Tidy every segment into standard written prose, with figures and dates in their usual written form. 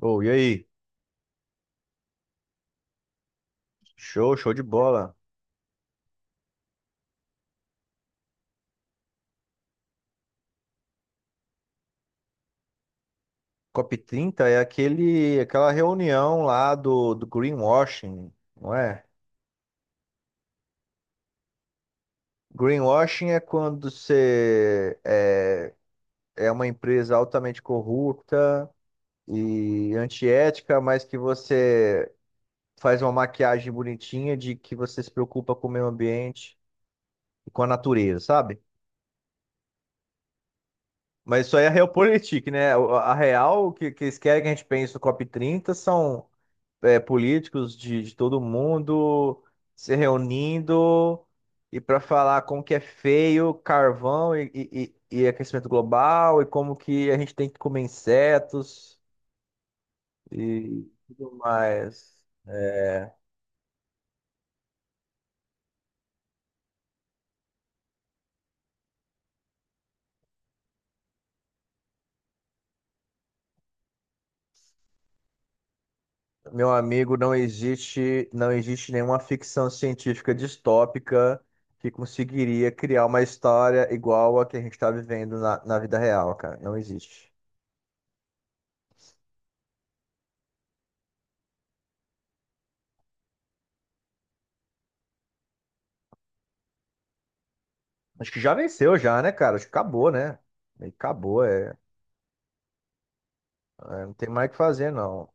Ô, e aí? Show, show de bola. COP 30 é aquela reunião lá do greenwashing, não é? Greenwashing é quando você é uma empresa altamente corrupta e antiética, mas que você faz uma maquiagem bonitinha de que você se preocupa com o meio ambiente e com a natureza, sabe? Mas isso aí é a realpolitik, né? A real, que eles querem que a gente pense no COP 30 são políticos de todo mundo se reunindo e para falar como que é feio carvão e aquecimento global e como que a gente tem que comer insetos e tudo mais. É, meu amigo, não existe nenhuma ficção científica distópica que conseguiria criar uma história igual a que a gente está vivendo na vida real, cara. Não existe. Acho que já venceu já, né, cara? Acho que acabou, né? Meio que acabou, é. É, não tem mais o que fazer, não.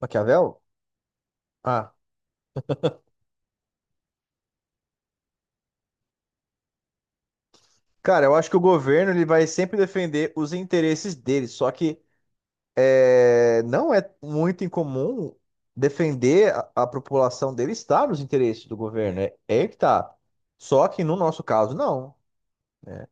Maquiavel? Ah, cara, eu acho que o governo ele vai sempre defender os interesses dele, só que não é muito incomum defender a população dele estar nos interesses do governo, é aí que tá. Só que no nosso caso, não, né?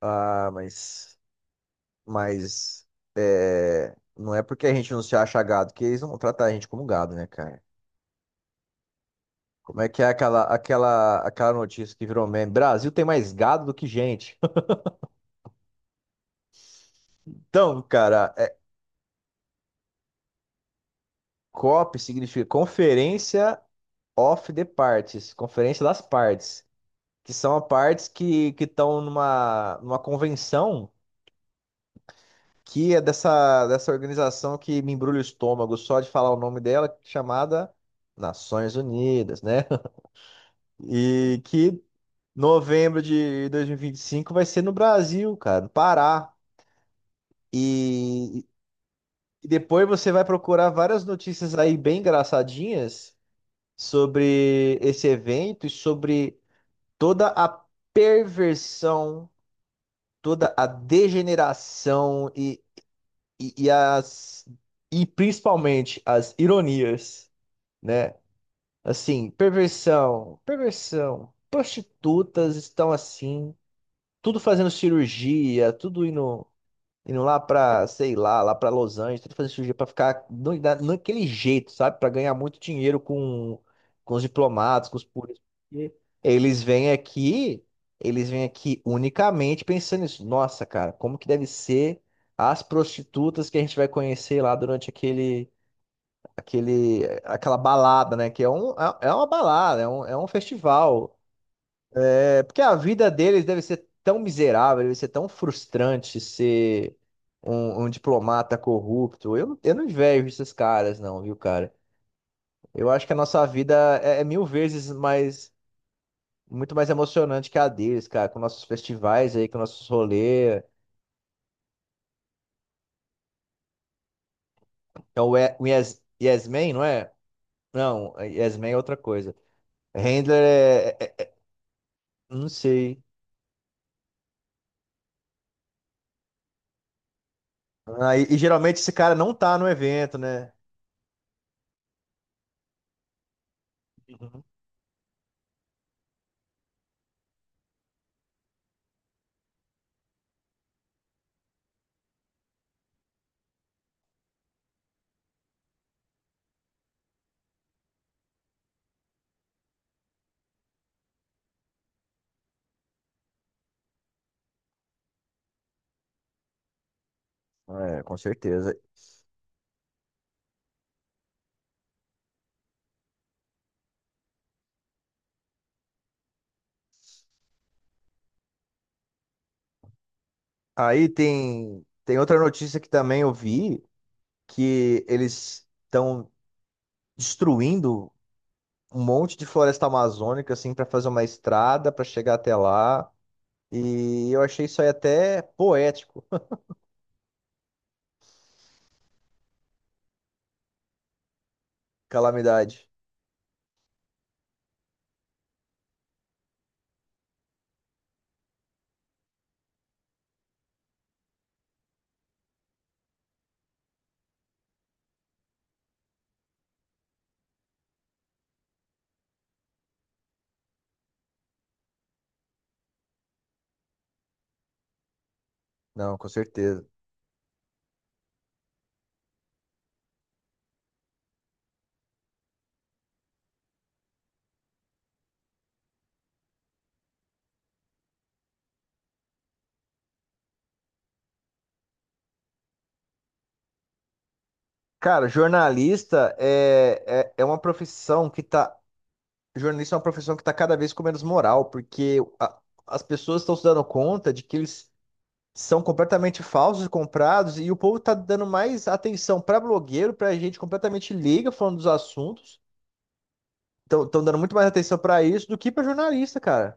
Ah, mas não é porque a gente não se acha gado que eles não vão tratar a gente como gado, né, cara? Como é que é aquela notícia que virou meme? Brasil tem mais gado do que gente. Então, cara, COP significa Conferência of the Parties, Conferência das Partes, que são as partes que estão numa convenção que é dessa organização que me embrulha o estômago só de falar o nome dela, chamada Nações Unidas, né? E que novembro de dois mil e vinte e cinco vai ser no Brasil, cara, no Pará. E, E depois você vai procurar várias notícias aí bem engraçadinhas sobre esse evento e sobre toda a perversão, toda a degeneração e, e as e principalmente as ironias, né? Assim, perversão, perversão, prostitutas estão assim, tudo fazendo cirurgia, tudo indo lá pra, sei lá, lá pra Los Angeles, tentando fazer cirurgia pra ficar naquele jeito, sabe? Pra ganhar muito dinheiro com os diplomatas, com os políticos. Porque Eles vêm aqui, eles vêm aqui unicamente pensando nisso. Nossa, cara, como que deve ser as prostitutas que a gente vai conhecer lá durante aquela balada, né? Que uma balada, é um festival. É porque a vida deles deve ser tão miserável, deve ser tão frustrante ser um diplomata corrupto. Eu não invejo esses caras, não, viu, cara? Eu acho que a nossa vida é mil vezes mais, muito mais emocionante que a deles, cara, com nossos festivais aí, com nossos rolês. Então, o yes Man, não é? Não, Yes Man é outra coisa. Handler é, não sei. Ah, e geralmente esse cara não tá no evento, né? Uhum. É, com certeza. Aí tem outra notícia que também eu vi, que eles estão destruindo um monte de floresta amazônica, assim, para fazer uma estrada para chegar até lá. E eu achei isso aí até poético, calamidade. Não, com certeza. Cara, jornalista é uma profissão que tá. Jornalista é uma profissão que tá cada vez com menos moral, porque as pessoas estão se dando conta de que eles são completamente falsos, comprados, e o povo tá dando mais atenção pra blogueiro, pra gente completamente liga falando dos assuntos. Estão dando muito mais atenção pra isso do que pra jornalista, cara.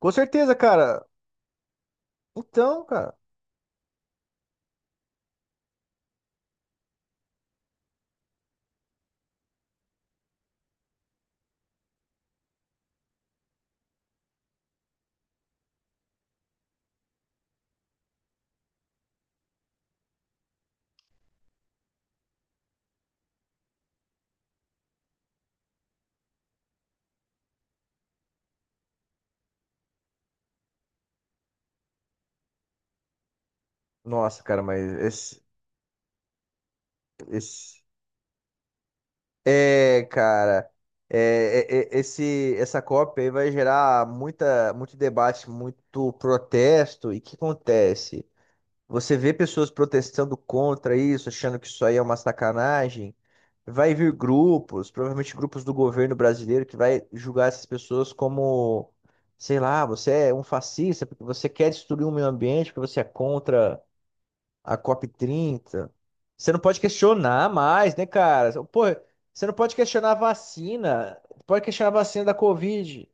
Com certeza, cara. Então, cara. Nossa, cara, mas esse... É, cara. É, essa COP aí vai gerar muita, muito debate, muito protesto. E o que acontece? Você vê pessoas protestando contra isso, achando que isso aí é uma sacanagem. Vai vir grupos, provavelmente grupos do governo brasileiro, que vai julgar essas pessoas como, sei lá, você é um fascista, porque você quer destruir o meio ambiente, porque você é contra a COP30. Você não pode questionar mais, né, cara? Pô, você não pode questionar a vacina, pode questionar a vacina da Covid.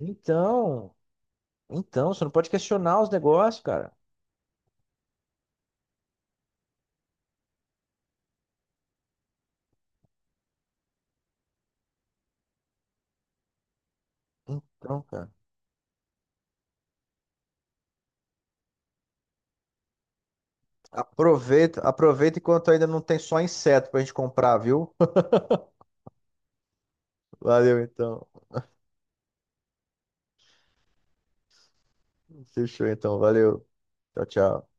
Então, então, você não pode questionar os negócios, cara. Então, cara. Aproveita, aproveita enquanto ainda não tem só inseto pra gente comprar, viu? Valeu então. Fechou então. Valeu. Tchau, tchau.